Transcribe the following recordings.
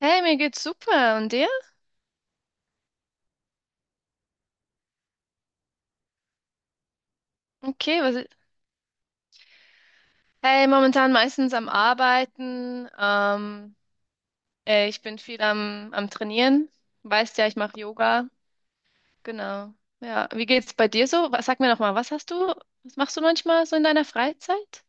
Hey, mir geht's super. Und dir? Okay, was ist... Hey, momentan meistens am Arbeiten. Ich bin viel am Trainieren. Weißt ja, ich mache Yoga. Genau. Ja, wie geht's bei dir so? Was, sag mir noch mal, was hast du, was machst du manchmal so in deiner Freizeit?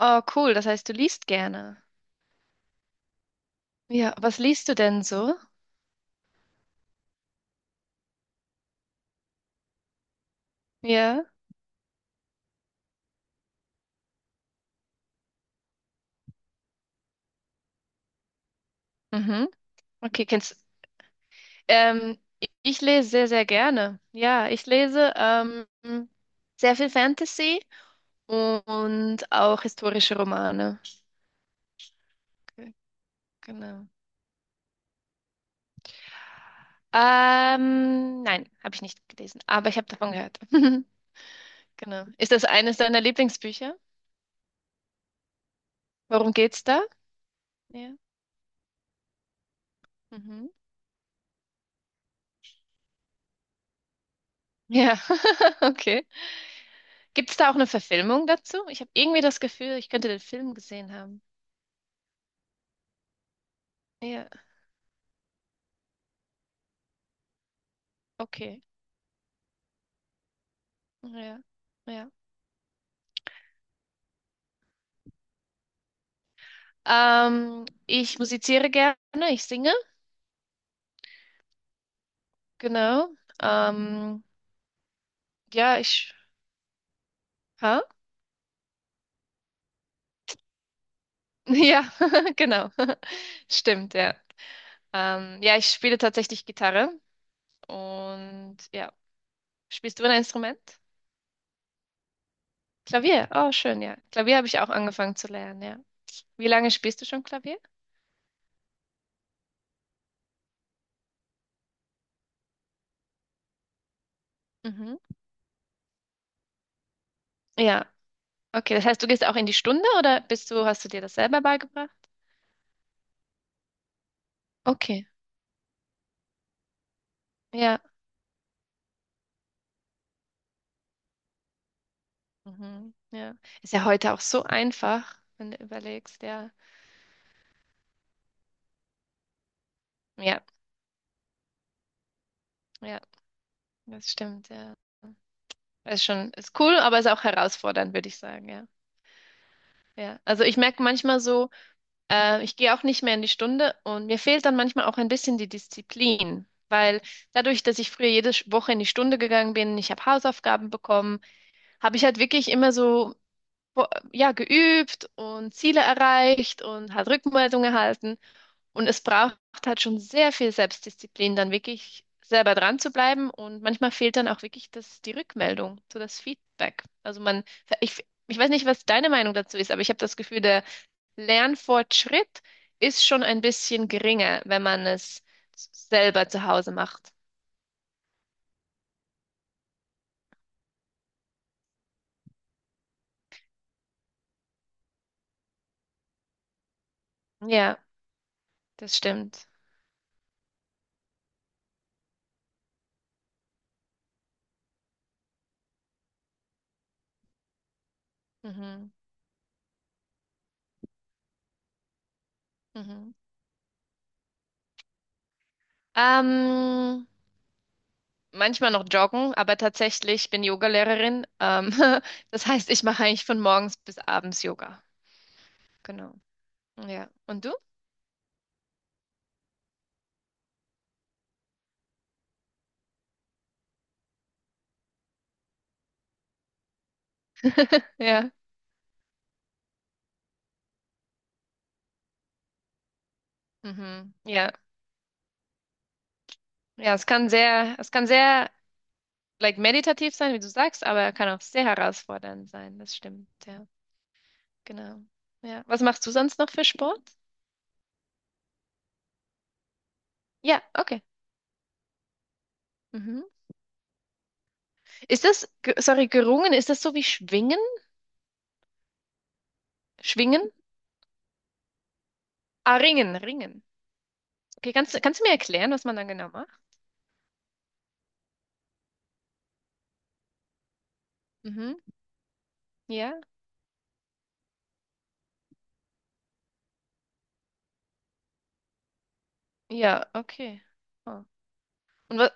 Oh, cool. Das heißt, du liest gerne. Ja, was liest du denn so? Ja. Mhm. Okay, kennst. Ähm, ich lese sehr, sehr gerne. Ja, ich lese sehr viel Fantasy und auch historische Romane. Ge- Genau. Nein, habe ich nicht gelesen, aber ich habe davon gehört. Genau. Ist das eines deiner Lieblingsbücher? Worum geht's da? Ja. Mhm. Ja, okay. Gibt es da auch eine Verfilmung dazu? Ich habe irgendwie das Gefühl, ich könnte den Film gesehen haben. Ja, okay. Ja, ja. Ich musiziere gerne, ich singe, genau. Ähm, ja, ich. Hä? Ja, genau. Stimmt, ja. Ja, ich spiele tatsächlich Gitarre und ja. Spielst du ein Instrument? Klavier. Oh, schön, ja. Klavier habe ich auch angefangen zu lernen, ja. Wie lange spielst du schon Klavier? Mhm. Ja. Okay, das heißt, du gehst auch in die Stunde oder hast du dir das selber beigebracht? Okay. Ja. Mhm. Ja. Ist ja heute auch so einfach, wenn du überlegst, ja. Ja, ja, das stimmt, ja. Ist schon, ist cool, aber ist auch herausfordernd, würde ich sagen, ja. Ja, also ich merke manchmal so, ich gehe auch nicht mehr in die Stunde und mir fehlt dann manchmal auch ein bisschen die Disziplin, weil dadurch, dass ich früher jede Woche in die Stunde gegangen bin, ich habe Hausaufgaben bekommen, habe ich halt wirklich immer so bo- ja geübt und Ziele erreicht und halt Rückmeldung erhalten und es braucht halt schon sehr viel Selbstdisziplin, dann wirklich selber dran zu bleiben und manchmal fehlt dann auch wirklich das die Rückmeldung, so das Feedback. Also man ich weiß nicht, was deine Meinung dazu ist, aber ich habe das Gefühl, der Lernfortschritt ist schon ein bisschen geringer, wenn man es selber zu Hause macht. Ja, das stimmt. Mhm, mhm. Ähm, manchmal noch joggen, aber tatsächlich ich bin Yogalehrerin. Das heißt, ich mache eigentlich von morgens bis abends Yoga. Genau. Ja. Und du? Ja. Mhm. Ja. Ja, es kann sehr like meditativ sein, wie du sagst, aber kann auch sehr herausfordernd sein. Das stimmt. Ja, genau. Ja. Was machst du sonst noch für Sport? Ja, okay. Mhm. Ist das, sorry, gerungen, ist das so wie schwingen? Schwingen? Ah, ringen. Okay, kannst du mir erklären, was man dann genau macht? Mhm. Ja, ja, okay. Oh. Und was,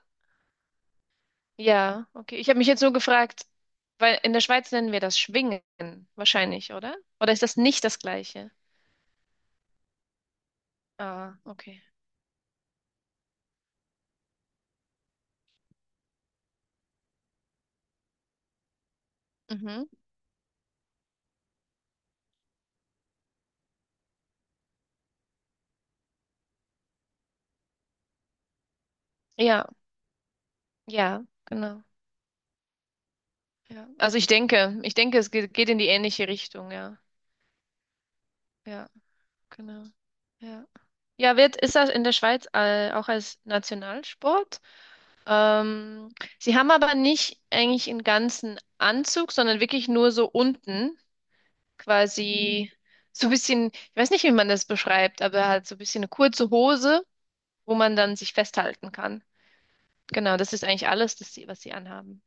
ja, okay. Ich habe mich jetzt so gefragt, weil in der Schweiz nennen wir das Schwingen wahrscheinlich, oder? Oder ist das nicht das Gleiche? Ah, okay. Mhm. Ja, ja, genau. Ja. Also ich denke, es geht in die ähnliche Richtung, ja. Ja, genau. Ja. Ja, ist das in der Schweiz auch als Nationalsport. Ähm, sie haben aber nicht eigentlich einen ganzen Anzug, sondern wirklich nur so unten quasi so ein bisschen, ich weiß nicht, wie man das beschreibt, aber halt so ein bisschen eine kurze Hose, wo man dann sich festhalten kann. Genau, das ist eigentlich alles, was sie anhaben.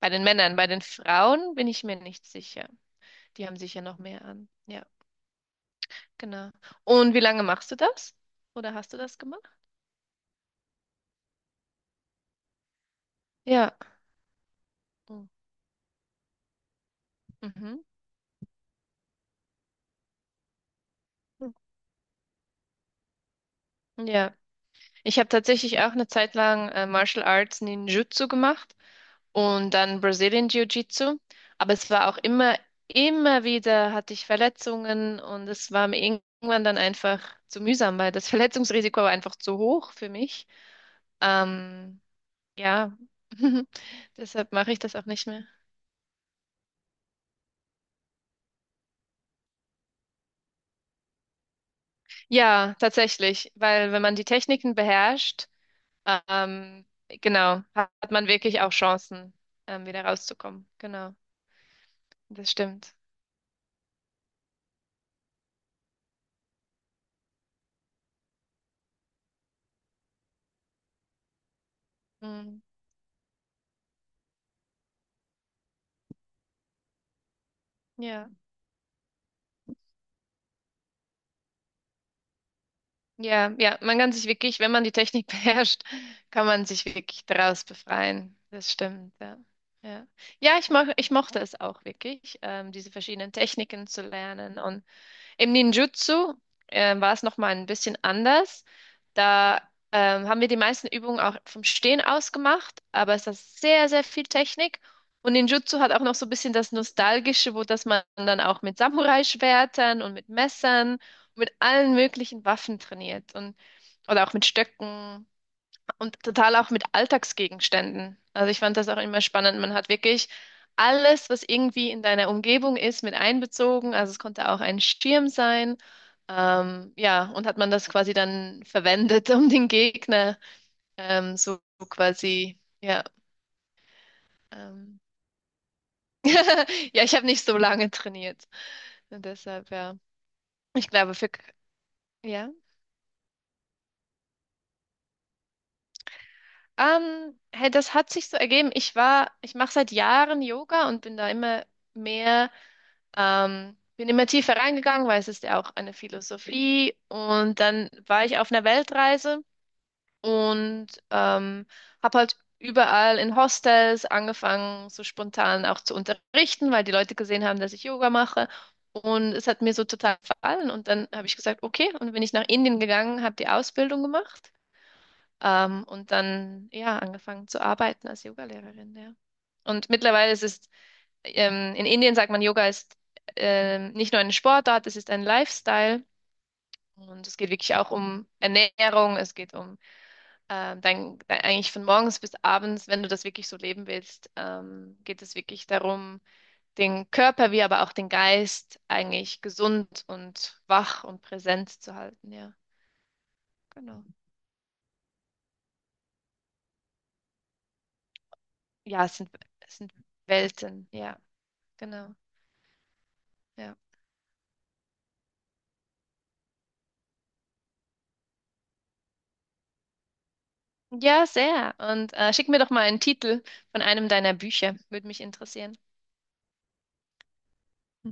Bei den Männern, bei den Frauen bin ich mir nicht sicher. Die haben sicher noch mehr an. Ja, genau. Und wie lange machst du das? Oder hast du das gemacht? Ja. Mhm. Ja, ich habe tatsächlich auch eine Zeit lang Martial Arts Ninjutsu gemacht und dann Brazilian Jiu-Jitsu. Aber es war auch immer, immer wieder hatte ich Verletzungen und es war mir irgendwann dann einfach zu mühsam, weil das Verletzungsrisiko war einfach zu hoch für mich. Ähm, ja, deshalb mache ich das auch nicht mehr. Ja, tatsächlich, weil wenn man die Techniken beherrscht, ähm, genau, hat man wirklich auch Chancen, wieder rauszukommen. Genau, das stimmt. Mm, ja, ja, ja. Man kann sich wirklich, wenn man die Technik beherrscht, kann man sich wirklich daraus befreien. Das stimmt, ja. Ja, ja, ich mochte es auch wirklich, diese verschiedenen Techniken zu lernen. Im Ninjutsu war es nochmal ein bisschen anders. Da haben wir die meisten Übungen auch vom Stehen aus gemacht, aber es ist sehr, sehr viel Technik. Und Ninjutsu hat auch noch so ein bisschen das Nostalgische, wo dass man dann auch mit Samurai-Schwertern und mit Messern und mit allen möglichen Waffen trainiert und oder auch mit Stöcken. Und total auch mit Alltagsgegenständen. Also ich fand das auch immer spannend. Man hat wirklich alles, was irgendwie in deiner Umgebung ist, mit einbezogen. Also es konnte auch ein Schirm sein. Ja, und hat man das quasi dann verwendet, um den Gegner so quasi, ja. Ähm, ja, ich habe nicht so lange trainiert. Und deshalb, ja. Ich glaube, für, ja. Hey, das hat sich so ergeben. Ich war, ich mache seit Jahren Yoga und bin da immer mehr bin immer tiefer reingegangen, weil es ist ja auch eine Philosophie. Und dann war ich auf einer Weltreise und habe halt überall in Hostels angefangen, so spontan auch zu unterrichten, weil die Leute gesehen haben, dass ich Yoga mache. Und es hat mir so total gefallen. Und dann habe ich gesagt, okay, und bin ich nach Indien gegangen, habe die Ausbildung gemacht. Und dann, ja, angefangen zu arbeiten als Yogalehrerin, ja. Und mittlerweile ist es in Indien sagt man, Yoga ist nicht nur eine Sportart, es ist ein Lifestyle. Und es geht wirklich auch um Ernährung, es geht um dein, eigentlich von morgens bis abends, wenn du das wirklich so leben willst, geht es wirklich darum, den Körper wie aber auch den Geist eigentlich gesund und wach und präsent zu halten. Ja, genau. Ja, es sind Welten. Ja, genau. Ja, ja, sehr. Und schick mir doch mal einen Titel von einem deiner Bücher, würde mich interessieren.